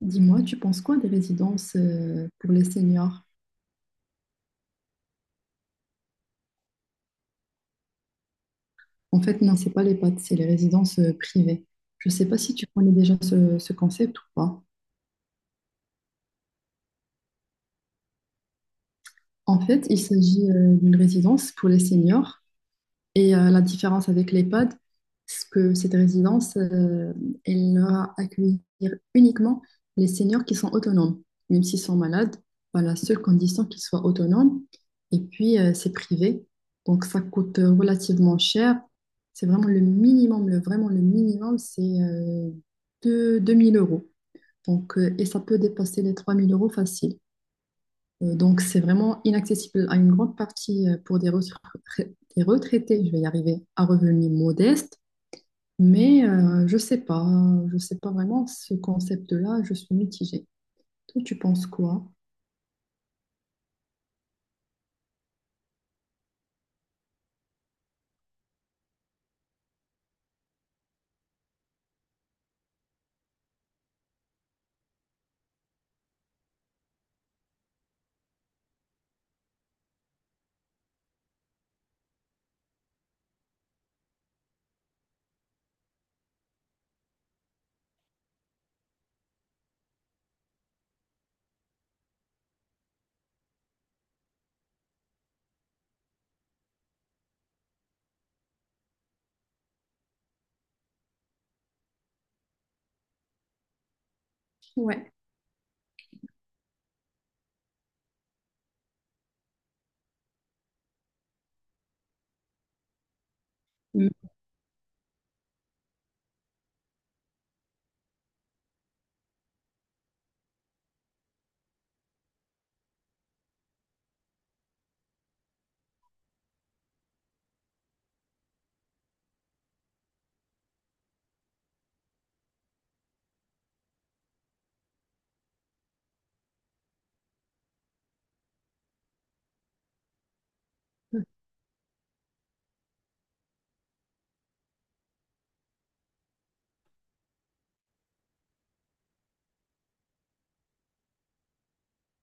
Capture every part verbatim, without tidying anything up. Dis-moi, tu penses quoi des résidences euh, pour les seniors? En fait, non, c'est pas les P A T S, c'est les résidences euh, privées. Je ne sais pas si tu connais déjà ce, ce concept ou pas. En fait, il s'agit euh, d'une résidence pour les seniors. Et euh, la différence avec les pods, c'est que cette résidence, euh, elle va accueillir uniquement les seniors qui sont autonomes, même s'ils sont malades, à la seule condition qu'ils soient autonomes. Et puis, euh, c'est privé. Donc, ça coûte euh, relativement cher. C'est vraiment le minimum. Le, vraiment, le minimum, c'est euh, deux mille euros. Donc, euh, et ça peut dépasser les trois mille euros facile. Et donc, c'est vraiment inaccessible à une grande partie euh, pour des, retra- des retraités, je vais y arriver, à revenus modestes. Mais euh, je sais pas, je sais pas vraiment ce concept-là, je suis mitigée. Toi, tu penses quoi? Ouais.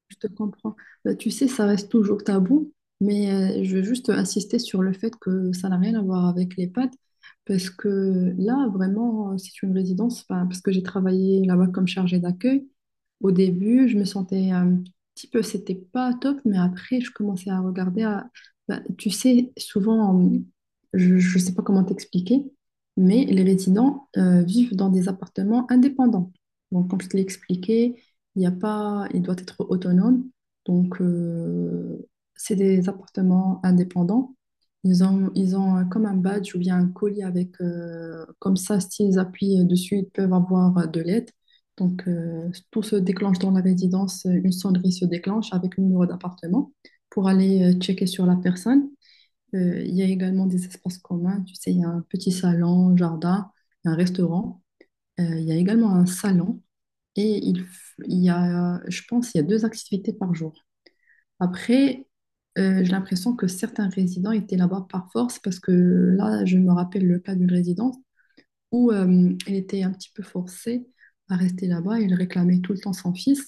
Je te comprends. Bah, tu sais, ça reste toujours tabou, mais euh, je veux juste insister sur le fait que ça n'a rien à voir avec les pattes, parce que là, vraiment, euh, c'est une résidence, enfin, parce que j'ai travaillé là-bas comme chargée d'accueil. Au début, je me sentais un petit peu, c'était pas top, mais après, je commençais à regarder. À- bah, tu sais, souvent, euh, je ne sais pas comment t'expliquer, mais les résidents euh, vivent dans des appartements indépendants. Donc, comme je te l'ai expliqué, il y a pas, il doit être autonome. Donc, euh, c'est des appartements indépendants. Ils ont, ils ont euh, comme un badge ou bien un colis avec, euh, comme ça, s'ils appuient euh, dessus, ils peuvent avoir euh, de l'aide. Donc, euh, tout se déclenche dans la résidence. euh, Une sonnerie se déclenche avec le numéro d'appartement pour aller euh, checker sur la personne. Euh, il y a également des espaces communs. Tu sais, il y a un petit salon, jardin, un restaurant. Euh, il y a également un salon et il, f- il y a, je pense, il y a deux activités par jour. Après, euh, j'ai l'impression que certains résidents étaient là-bas par force parce que là, je me rappelle le cas d'une résidence où euh, elle était un petit peu forcée à rester là-bas. Il réclamait tout le temps son fils,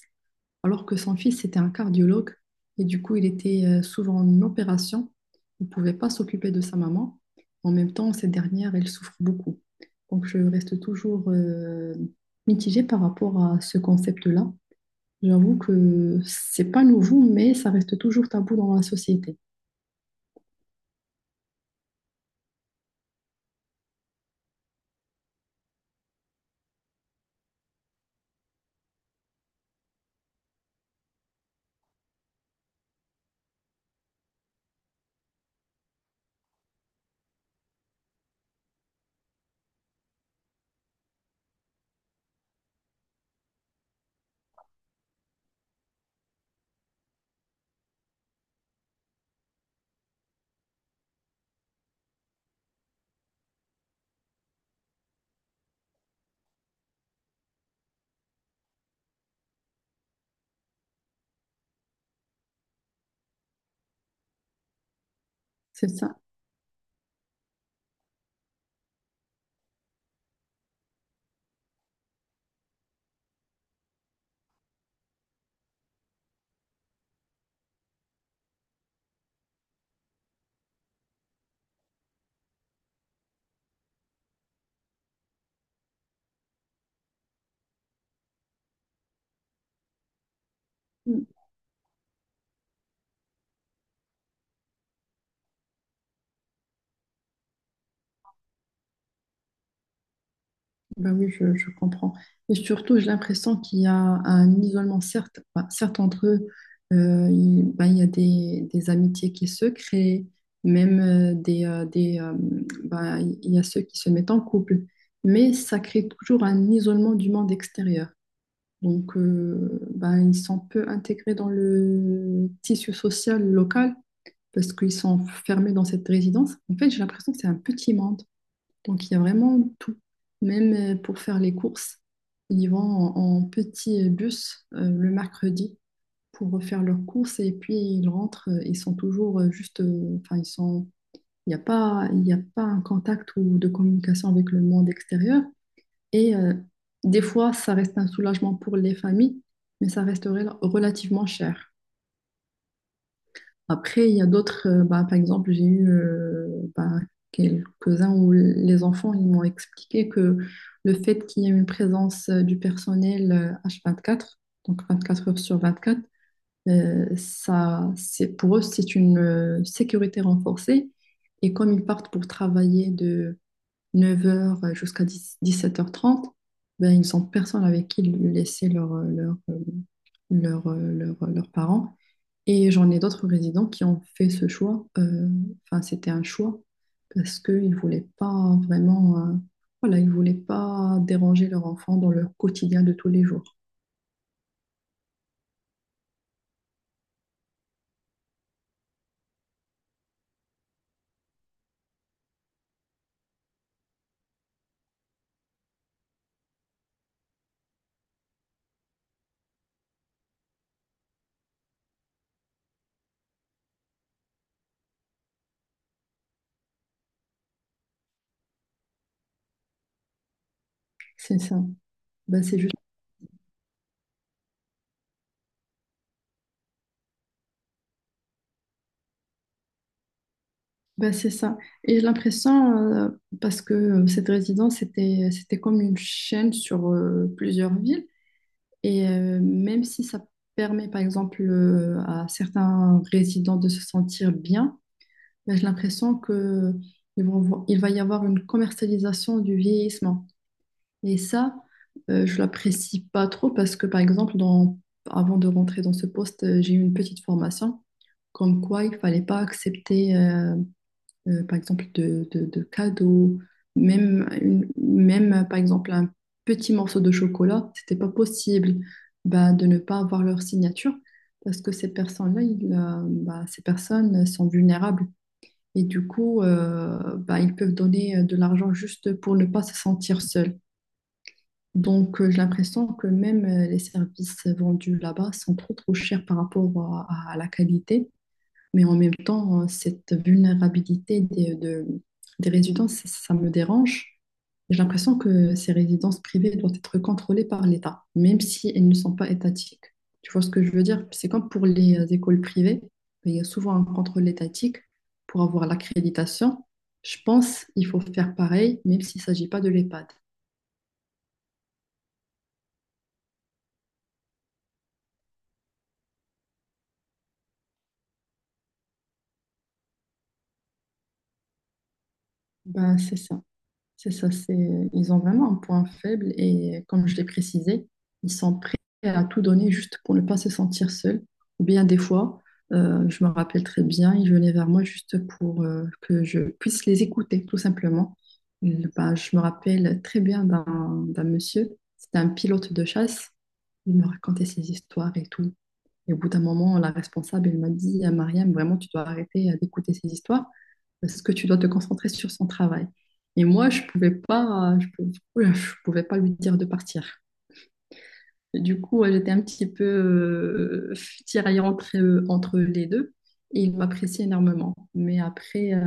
alors que son fils était un cardiologue et du coup, il était euh, souvent en opération. Il ne pouvait pas s'occuper de sa maman. En même temps, cette dernière, elle souffre beaucoup. Donc, je reste toujours euh, mitigée par rapport à ce concept-là. J'avoue que c'est pas nouveau, mais ça reste toujours tabou dans la société. C'est ça. Mm. Ben oui, je, je comprends. Et surtout, j'ai l'impression qu'il y a un isolement, certes, ben, certes entre eux, euh, il, ben, il y a des, des amitiés qui se créent, même euh, des, euh, des, euh, ben, il y a ceux qui se mettent en couple, mais ça crée toujours un isolement du monde extérieur. Donc, euh, ben, ils sont peu intégrés dans le tissu social local, parce qu'ils sont fermés dans cette résidence. En fait, j'ai l'impression que c'est un petit monde. Donc, il y a vraiment tout. Même euh, pour faire les courses, ils vont en, en petit bus euh, le mercredi pour faire leurs courses et puis ils rentrent. euh, Ils sont toujours euh, juste. euh, Enfin, euh, ils sont. Il n'y a pas, il n'y a pas un contact ou de communication avec le monde extérieur. Et euh, des fois, ça reste un soulagement pour les familles, mais ça resterait relativement cher. Après, il y a d'autres, euh, bah, par exemple, j'ai eu euh, bah, quelques-uns où les enfants ils m'ont expliqué que le fait qu'il y ait une présence euh, du personnel euh, H vingt-quatre, donc vingt-quatre heures sur vingt-quatre, euh, ça, c'est, pour eux, c'est une euh, sécurité renforcée. Et comme ils partent pour travailler de neuf heures jusqu'à dix dix-sept heures trente, ben, ils n'ont personne avec qui laisser leur, leur, euh, leur, euh, leur- leurs parents. Et j'en ai d'autres résidents qui ont fait ce choix. euh, Enfin, c'était un choix parce qu'ils ne voulaient pas vraiment, euh, voilà, ils voulaient pas déranger leur enfant dans leur quotidien de tous les jours. C'est ça. Ben, c'est juste. Ben, c'est ça. Et j'ai l'impression, euh, parce que cette résidence, c'était, c'était comme une chaîne sur euh, plusieurs villes. Et euh, même si ça permet, par exemple, euh, à certains résidents de se sentir bien, mais j'ai l'impression que ils vont- il va y avoir une commercialisation du vieillissement. Et ça, euh, je l'apprécie pas trop parce que, par exemple, dans- avant de rentrer dans ce poste, euh, j'ai eu une petite formation comme quoi il fallait pas accepter, euh, euh, par exemple, de, de- de cadeaux, même, une- même, euh, par exemple, un petit morceau de chocolat. C'était pas possible, bah, de ne pas avoir leur signature parce que ces personnes-là, ils, euh, bah, ces personnes sont vulnérables. Et du coup, euh, bah, ils peuvent donner euh, de l'argent juste pour ne pas se sentir seul. Donc, euh, j'ai l'impression que même euh, les services vendus là-bas sont trop, trop chers par rapport à, à la qualité. Mais en même temps, euh, cette vulnérabilité des, de- des résidences, ça, ça me dérange. J'ai l'impression que ces résidences privées doivent être contrôlées par l'État, même si elles ne sont pas étatiques. Tu vois ce que je veux dire? C'est comme pour les euh, écoles privées, il y a souvent un contrôle étatique pour avoir l'accréditation. Je pense qu'il faut faire pareil, même s'il ne s'agit pas de l'ehpad. Ben, c'est ça. C'est ça, c'est, ils ont vraiment un point faible et euh, comme je l'ai précisé, ils sont prêts à tout donner juste pour ne pas se sentir seuls. Ou bien des fois, euh, je me rappelle très bien, ils venaient vers moi juste pour euh, que je puisse les écouter, tout simplement. Il- bah, je me rappelle très bien d'un d'un monsieur, c'était un pilote de chasse, il me racontait ses histoires et tout. Et au bout d'un moment, la responsable, elle m'a dit à Mariam, vraiment, tu dois arrêter euh, d'écouter ces histoires parce que tu dois te concentrer sur son travail. Et moi, je pouvais pas, je pou- je pouvais pas lui dire de partir. Et du coup, euh, j'étais un petit peu euh, tiraillée entre, euh, entre les deux et il m'appréciait énormément. Mais après, euh,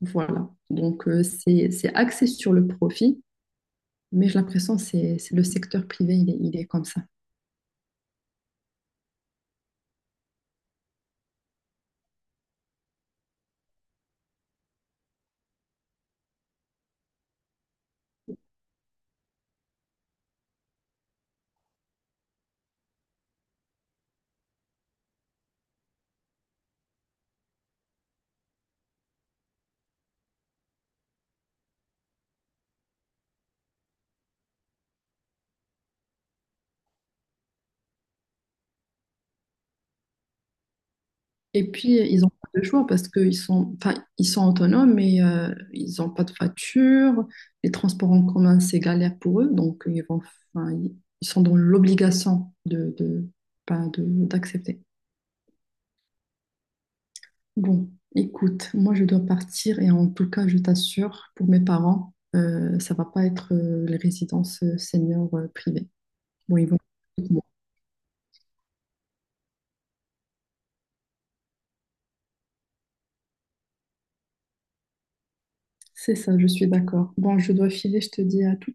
voilà. Donc, euh, c'est, c'est axé sur le profit, mais j'ai l'impression que c'est, c'est le secteur privé, il est, il est comme ça. Et puis, euh, ils n'ont pas de choix parce qu'ils sont, enfin, ils sont autonomes, mais euh, ils n'ont pas de voiture. Les transports en commun, c'est galère pour eux. Donc, ils vont, enfin, ils ils sont dans l'obligation de, de, ben, de- d'accepter. Bon, écoute, moi, je dois partir. Et en tout cas, je t'assure, pour mes parents, euh, ça va pas être euh, les résidences euh, seniors euh, privées. Bon, ils vont. C'est ça, je suis d'accord. Bon, je dois filer. Je te dis à tout.